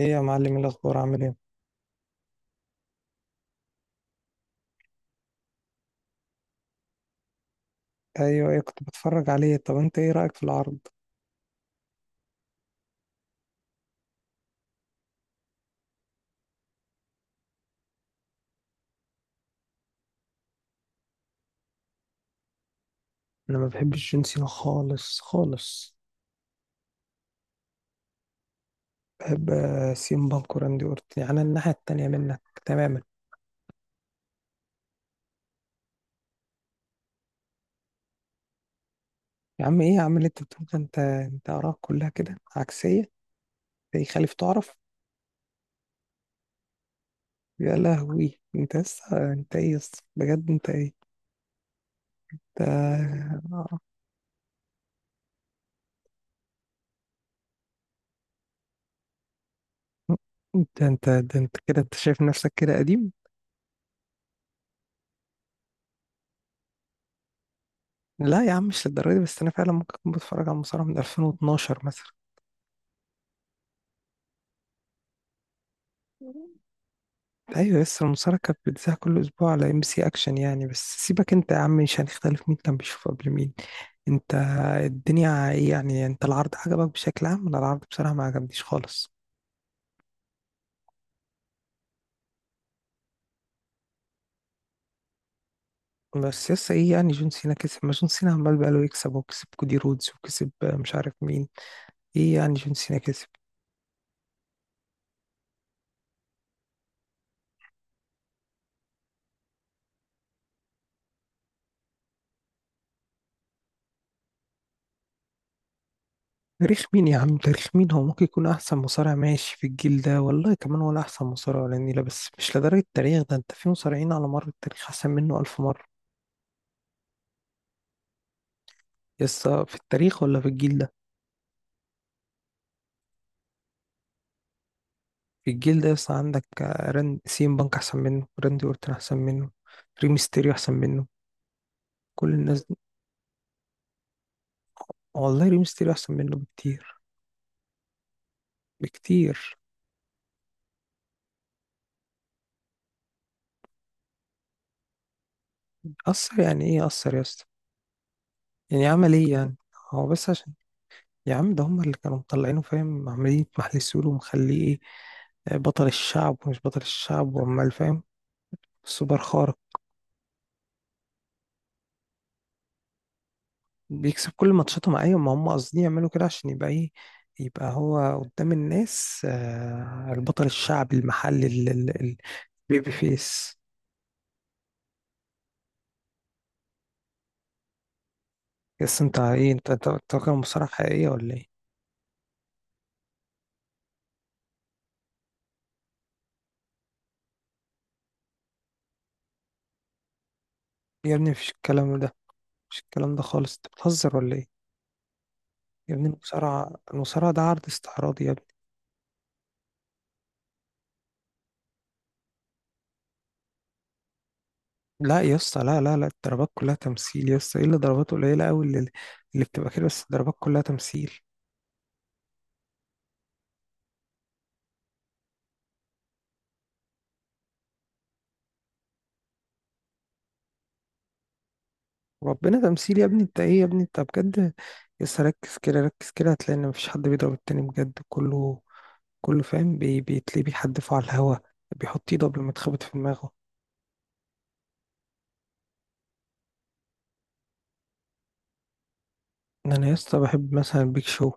ايه يا معلم؟ إيه الاخبار، عامل ايه؟ ايوه، ايه كنت بتفرج عليه. طب انت ايه رايك في العرض؟ انا ما بحبش جون سينا خالص خالص. بحب سيم بانك وراندي اورتن، يعني الناحيه التانيه منك تماما. يا عم ايه يا عم اللي انت بتقول ده؟ انت اراك كلها كده عكسيه. ايه خالف تعرف. يا لهوي، انت لسه؟ انت ايه يا اسطى؟ بجد انت ايه؟ انت. انت ده انت كده انت شايف نفسك كده قديم؟ لا يا عم مش للدرجه دي، بس انا فعلا ممكن اكون بتفرج على المصارعه من 2012 مثلا. ايوه لسه المشاركه بتذاع كل اسبوع على ام سي اكشن يعني. بس سيبك انت يا عم، مش هنختلف مين كان بيشوف قبل مين. انت الدنيا ايه يعني؟ انت العرض عجبك بشكل عام؟ انا العرض بصراحه ما عجبنيش خالص. بس لسه ايه يعني جون سينا كسب؟ ما جون سينا عمال بقاله يكسب، وكسب كودي رودز، وكسب مش عارف مين. ايه يعني جون سينا كسب؟ تاريخ مين يا عم؟ تاريخ مين؟ هو ممكن يكون احسن مصارع ماشي في الجيل ده، والله كمان، ولا احسن مصارع ولا نيله، بس مش لدرجه التاريخ ده. انت في مصارعين على مر التاريخ احسن منه الف مره. يسا في التاريخ ولا في الجيل ده؟ في الجيل ده، يسا عندك ران سيم بانك احسن منه، راندي اورتون احسن منه، ريمستيريو احسن منه، كل الناس دي- والله ريمستيريو احسن منه بكتير، بكتير. اثر يعني ايه اثر يا اسطى؟ يعني عمل ايه يعني؟ هو بس عشان يا عم ده هم اللي كانوا مطلعينه، فاهم؟ عمالين محل السور ومخليه ايه، بطل الشعب ومش بطل الشعب، وعمال فاهم، سوبر خارق. بيكسب كل ماتشاتهم ايوه، ما هم قاصدين يعملوا كده عشان يبقى ايه، يبقى هو قدام الناس البطل الشعبي المحلي البيبي فيس. بس انت ايه؟ انت أنت فاكر المصارعة حقيقية ولا ايه؟ يا ابني مفيش الكلام ده، مش الكلام ده خالص. انت بتهزر ولا ايه؟ يا ابني المصارعة، ده عرض استعراضي يا ابني. لا يا اسطى، لا لا لا، الضربات كلها تمثيل يا اسطى. ايه اللي ضربات قليلة قوي اللي بتبقى كده، بس الضربات كلها تمثيل. ربنا تمثيل يا ابني، انت ايه يا ابني انت بجد؟ يس ركز كده، ركز كده هتلاقي ان مفيش حد بيضرب التاني بجد، كله فاهم، بيتلاقيه بيحدفه على الهوا، بيحط ايده قبل ما تخبط في دماغه. ان انا يسطا بحب مثلا بيك شو.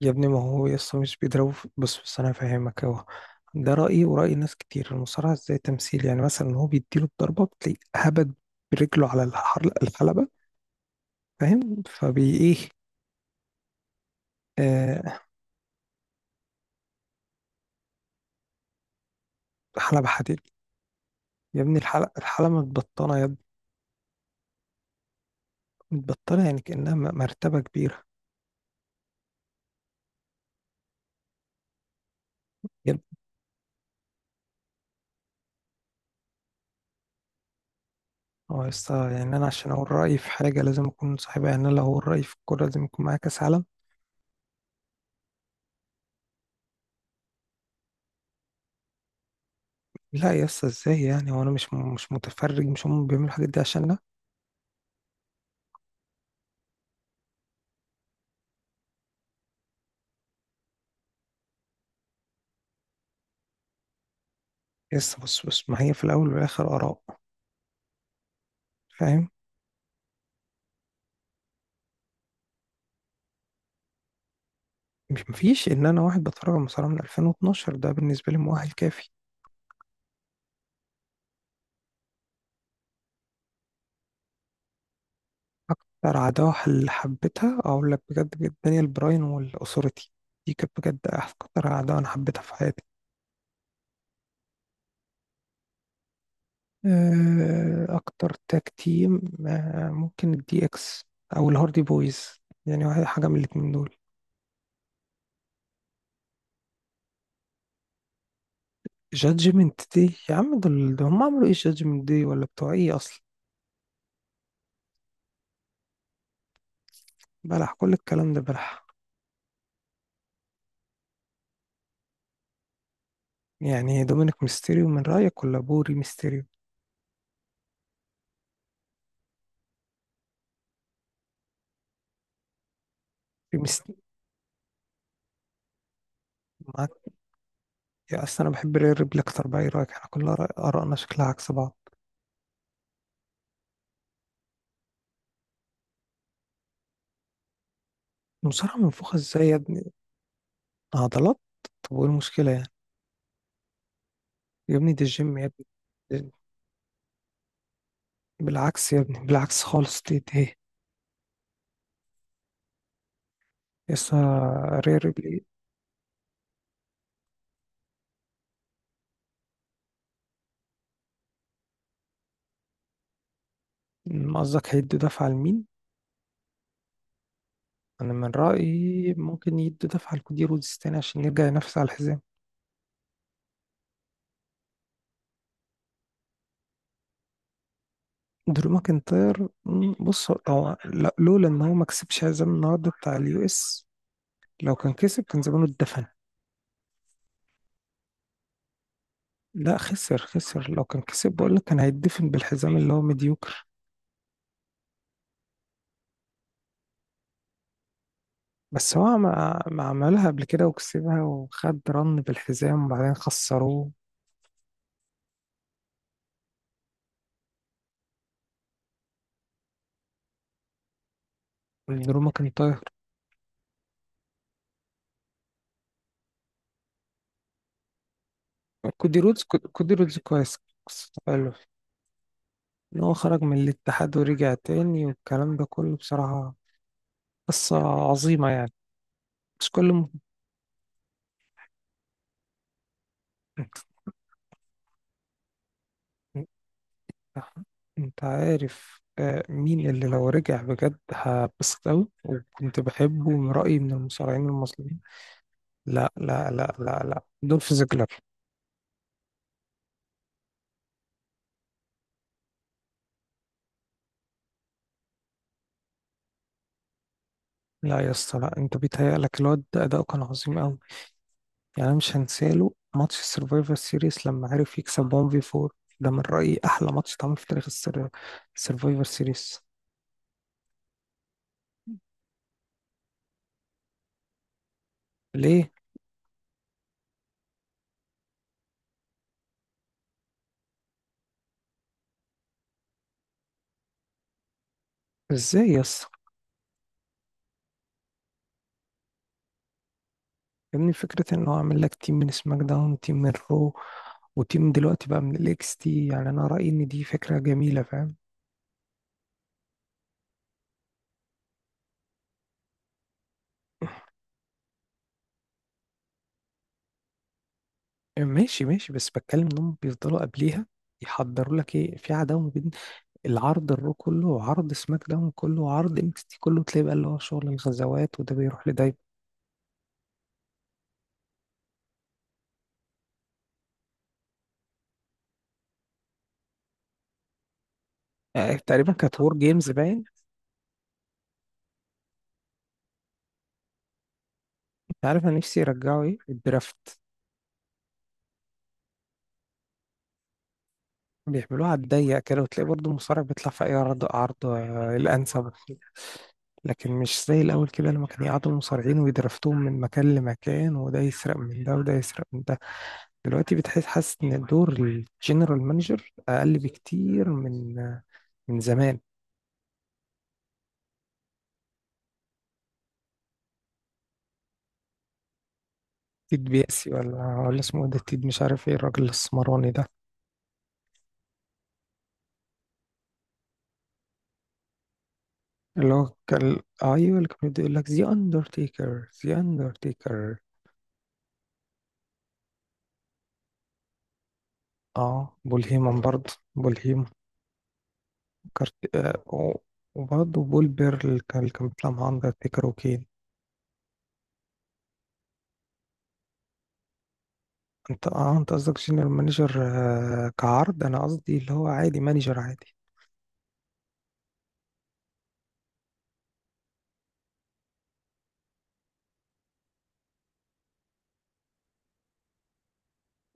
يا ابني ما هو يسطا مش بيضربه بص، انا فاهمك اهو. ده رأيي ورأي ناس كتير، المصارعة ازاي تمثيل يعني؟ مثلا هو بيديله الضربة، بتلاقيه هبد برجله على الحلبة، فاهم؟ فبي ايه؟ آه. حلبة حديد؟ يا ابني الحلبة متبطنة يا متبطلة يعني، كأنها مرتبة كبيرة جدا. هو يسطا يعني أنا عشان أقول رأيي في حاجة لازم أكون صاحبها؟ يعني أنا لو أقول رأيي في الكورة لازم يكون معايا كأس عالم؟ لا يسطا إزاي يعني؟ هو أنا مش مش متفرج؟ مش هم بيعملوا الحاجات دي عشاننا؟ يسطا بص، ما هي في الأول والآخر آراء، فاهم؟ مش إن أنا واحد بتفرج على المصارعة من 2012، ده بالنسبة لي مؤهل كافي. أكتر عداوة اللي حبيتها أقول لك بجد، بجد دانيال براين والأوثوريتي، دي كانت بجد أكتر عداوة أنا حبيتها في حياتي. اكتر تاج تيم، ممكن الدي اكس او الهاردي بويز يعني، واحد حاجه من الاتنين دول. جادجمنت دي يا عم؟ دول ده هم عملوا ايه؟ جادجمنت دي ولا بتوع ايه اصلا؟ بلح، كل الكلام ده بلح. يعني دومينيك ميستيريو من رايك ولا بوري ميستيريو؟ ميست... معاك. يا اصل انا بحب رير ريبلي اكتر بقى. ايه رايك احنا كل ارائنا شكلها عكس بعض؟ المصارعه منفوخه ازاي يا ابني؟ عضلات؟ طب وايه المشكله يعني؟ يا ابني دي الجيم يا ابني. بالعكس يا ابني، بالعكس خالص، دي. يسا رير بلاي. قصدك هيدوا دفعة لمين؟ أنا من رأيي ممكن يدوا دفعة لكودي رودز تاني عشان يرجع ينافس على الحزام. درو ماكنتاير، بص هو لولا إن هو ما كسبش حزام النهاردة بتاع اليو إس، لو كان كسب كان زمانه اتدفن. لا خسر، خسر. لو كان كسب بقولك كان هيتدفن بالحزام اللي هو مديوكر. بس هو ما عملها قبل كده وكسبها، وخد رن بالحزام وبعدين خسروه. درو ماكنتاير، كودي رودز. كودي رودز كويس، ان هو خرج من الاتحاد ورجع تاني والكلام ده كله بصراحة، قصة عظيمة يعني. بس كل م... انت. انت عارف مين اللي لو رجع بجد هبسط أوي وكنت بحبه من رأيي من المصارعين المصريين؟ لا لا لا لا لا، دولف زيجلر. لا يا اسطى لا، انت بيتهيألك. الواد ده أداؤه كان عظيم أوي. يعني أنا مش هنساله ماتش السرفايفر سيريس لما عرف يكسب 1 في 4. ده من رأيي أحلى ماتش اتعمل في تاريخ السرفايفر سيريس. ليه؟ ازاي يا اسطى؟ يعني فكرة ان هو عامل لك تيم من سماك داون، تيم من رو، وتيم دلوقتي بقى من الاكس تي، يعني انا رأيي ان دي فكرة جميلة، فاهم؟ ماشي، بس بتكلم انهم بيفضلوا قبليها يحضروا لك ايه في عداوة بين العرض الرو كله وعرض سماك داون كله وعرض اكس تي كله، تلاقي بقى اللي هو شغل الغزوات وده بيروح لده. يعني تقريبا كانت وور جيمز باين. انت عارف انا نفسي يرجعوا ايه؟ الدرافت. بيعملوها على الضيق كده، وتلاقي برضه المصارع بيطلع في اي عرض، عرض الانسب، لكن مش زي الأول كده لما كانوا يقعدوا المصارعين ويدرفتوهم من مكان لمكان، وده يسرق من ده وده يسرق من ده. دلوقتي حاسس إن دور الجنرال مانجر أقل بكتير من من زمان. تيد بياسي، ولا اسمه إيه ده؟ تيد مش عارف ايه، الراجل السمراني ده. اللي هو كان، ايوه اللي كان بيقول لك ذا اندرتيكر، ذا اندرتيكر. اه بول هيمن، برضه بول هيمن. كارت... آه. و- وبرضه بول بيرل كان اللي كان بيطلع مع اندرتيكر وكين. انت اه انت قصدك جنرال مانجر، كعرض؟ انا قصدي اللي هو عادي، مانجر عادي.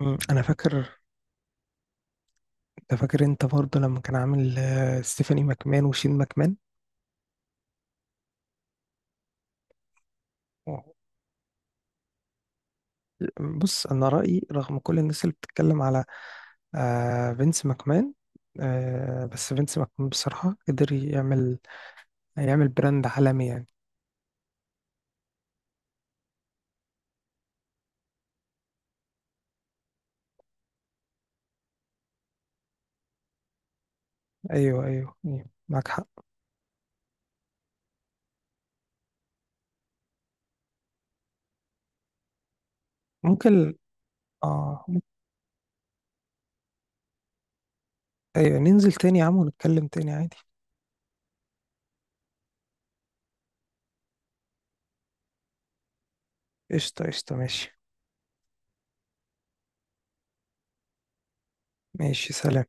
مم. انا فاكر. انت فاكر انت برضه لما كان عامل ستيفاني ماكمان وشين ماكمان؟ أوه. بص انا رأيي رغم كل الناس اللي بتتكلم على آه فينس ماكمان، بس فينس ماكمان بصراحة قدر يعمل، يعمل براند عالمي يعني. ايوه، أيوة. معاك حق. ممكن. اه. ايوه ننزل تاني يا عم ونتكلم تاني عادي. قشطة قشطة، ماشي. ماشي، سلام.